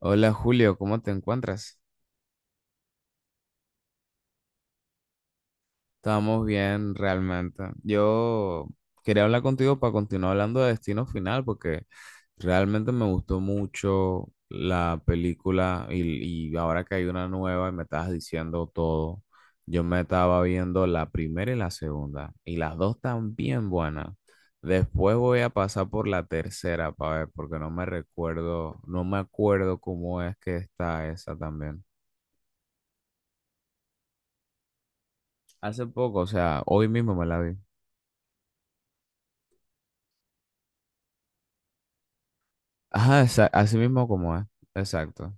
Hola Julio, ¿cómo te encuentras? Estamos bien realmente. Yo quería hablar contigo para continuar hablando de Destino Final porque realmente me gustó mucho la película y ahora que hay una nueva y me estabas diciendo todo, yo me estaba viendo la primera y la segunda y las dos están bien buenas. Después voy a pasar por la tercera para ver porque no me recuerdo, no me acuerdo cómo es que está esa también. Hace poco, o sea, hoy mismo me la vi. Ajá, esa- así mismo como es. Exacto.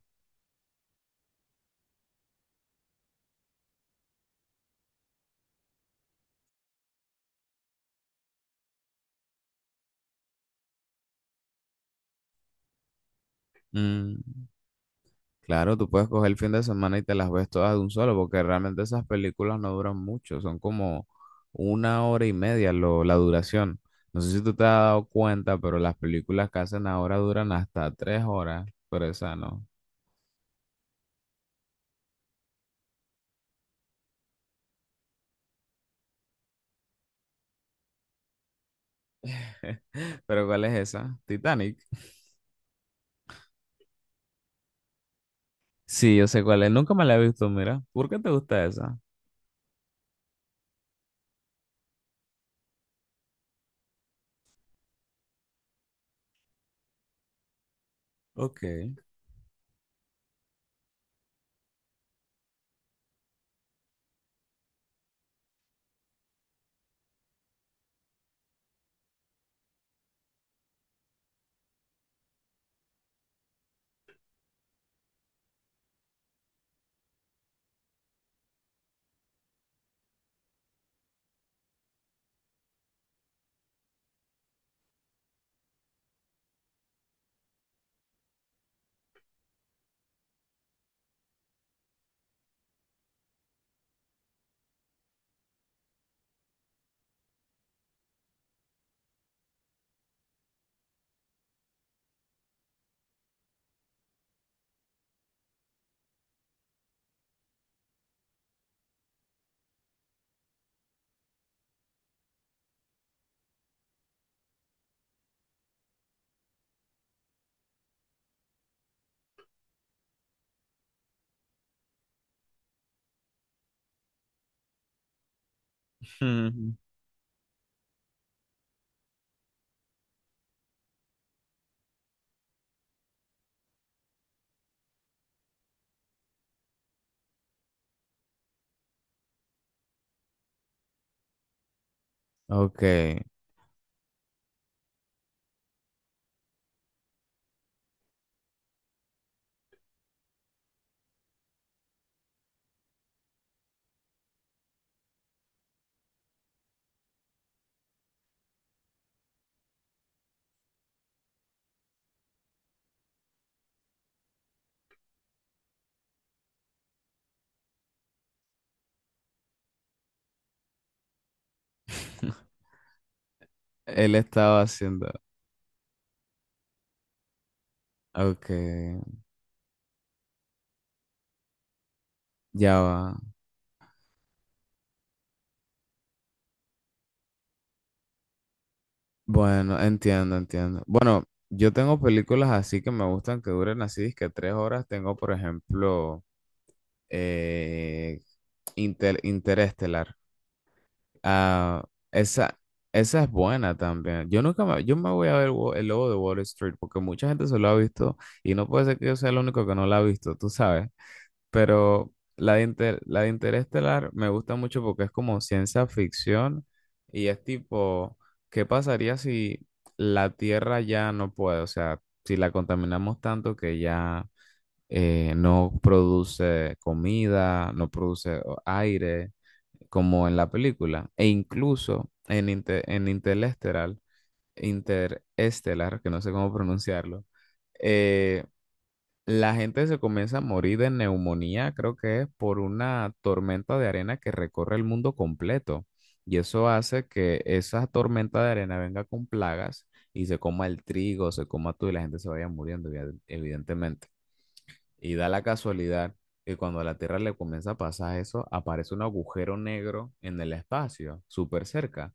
Mm, claro, tú puedes coger el fin de semana y te las ves todas de un solo, porque realmente esas películas no duran mucho, son como 1 hora y media la duración. No sé si tú te has dado cuenta, pero las películas que hacen ahora duran hasta 3 horas, pero esa no. ¿Pero cuál es esa? Titanic. Sí, yo sé cuál es. Nunca me la he visto, mira. ¿Por qué te gusta esa? Ok. Ujú. Ok. Él estaba haciendo. Ok, ya va. Bueno, entiendo, entiendo. Bueno, yo tengo películas así que me gustan que duren así, que 3 horas. Tengo, por ejemplo, eh, Interestelar. Ah, esa, esa es buena también. Yo nunca me, yo me voy a ver El Lobo de Wall Street porque mucha gente se lo ha visto y no puede ser que yo sea el único que no la ha visto, tú sabes. Pero la de, la de Interestelar me gusta mucho porque es como ciencia ficción y es tipo, ¿qué pasaría si la Tierra ya no puede? O sea, si la contaminamos tanto que ya no produce comida, no produce aire, como en la película. E incluso en, en Interestelar, que no sé cómo pronunciarlo. eh, la gente se comienza a morir de neumonía, creo que es por una tormenta de arena que recorre el mundo completo. Y eso hace que esa tormenta de arena venga con plagas y se coma el trigo, se coma todo y la gente se vaya muriendo, evidentemente. Y da la casualidad que cuando a la Tierra le comienza a pasar eso, aparece un agujero negro en el espacio, súper cerca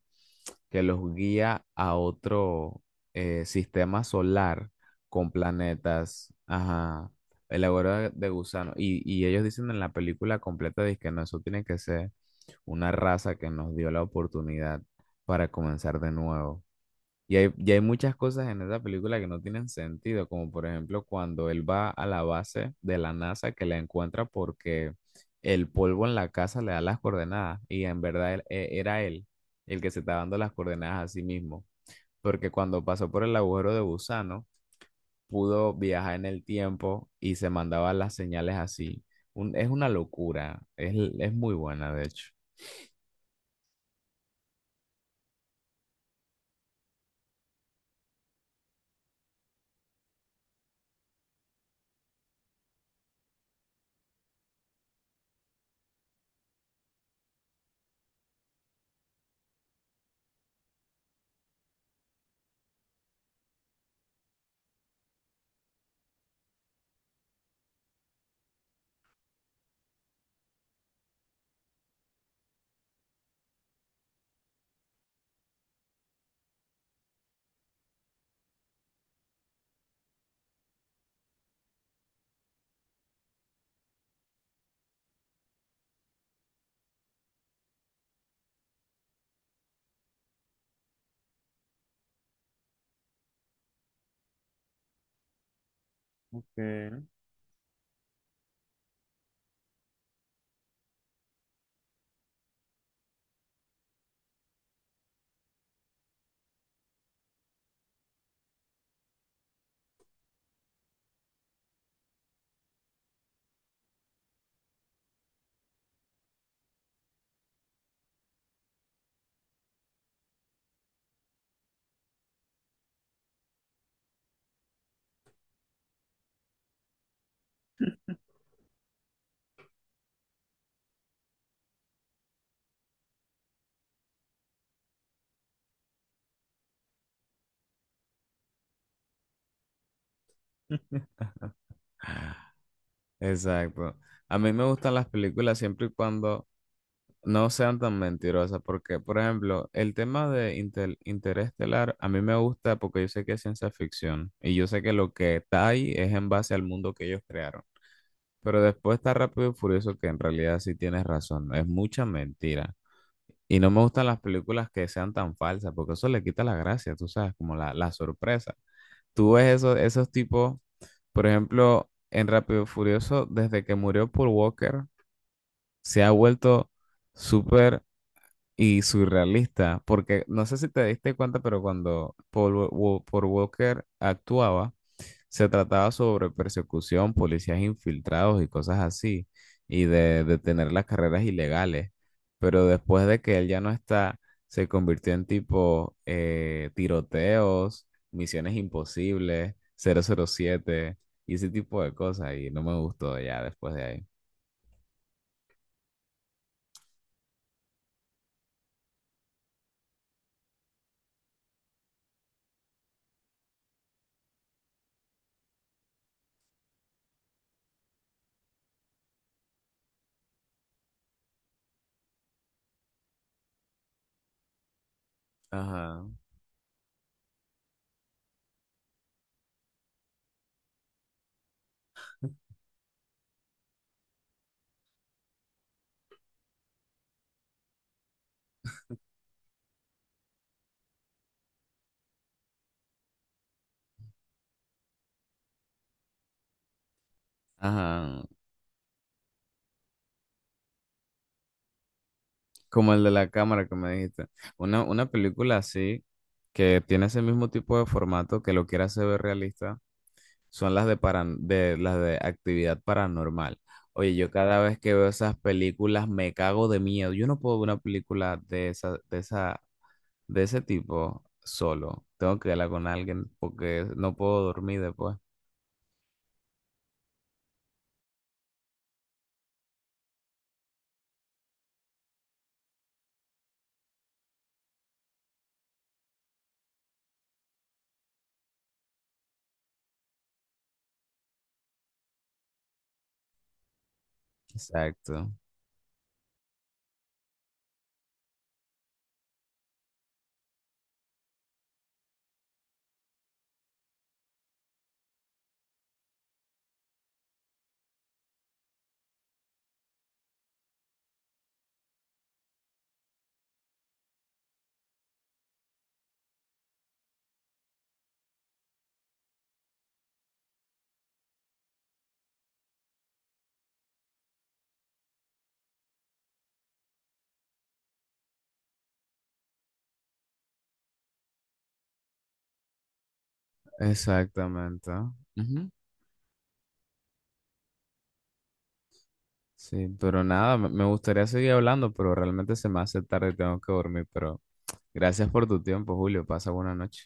que los guía a otro sistema solar con planetas, ajá, elaborado de gusano. Y ellos dicen en la película completa, dice que no, eso tiene que ser una raza que nos dio la oportunidad para comenzar de nuevo. Y hay muchas cosas en esa película que no tienen sentido, como por ejemplo cuando él va a la base de la NASA que la encuentra porque el polvo en la casa le da las coordenadas y en verdad era él el que se estaba dando las coordenadas a sí mismo, porque cuando pasó por el agujero de gusano pudo viajar en el tiempo y se mandaba las señales así. Es una locura, es muy buena de hecho. Ok. Exacto. A mí me gustan las películas siempre y cuando no sean tan mentirosas, porque, por ejemplo, el tema de Interestelar a mí me gusta porque yo sé que es ciencia ficción y yo sé que lo que está ahí es en base al mundo que ellos crearon. Pero después está Rápido y Furioso que en realidad sí tienes razón, es mucha mentira. Y no me gustan las películas que sean tan falsas porque eso le quita la gracia, tú sabes, como la sorpresa. Tú ves esos tipos, por ejemplo, en Rápido y Furioso, desde que murió Paul Walker, se ha vuelto súper y surrealista, porque no sé si te diste cuenta, pero cuando Paul Walker actuaba, se trataba sobre persecución, policías infiltrados y cosas así, y de detener las carreras ilegales. Pero después de que él ya no está, se convirtió en tipo tiroteos, misiones imposibles, 007 y ese tipo de cosas, y no me gustó ya después de ahí. Ajá. Ajá. Como el de la cámara que me dijiste. Una película así, que tiene ese mismo tipo de formato, que lo quiera hacer ver realista, son las de actividad paranormal. Oye, yo cada vez que veo esas películas me cago de miedo. Yo no puedo ver una película de ese tipo solo. Tengo que verla con alguien porque no puedo dormir después. Exacto. Exactamente. Sí, pero nada, me gustaría seguir hablando, pero realmente se me hace tarde y tengo que dormir. Pero gracias por tu tiempo, Julio. Pasa buena noche.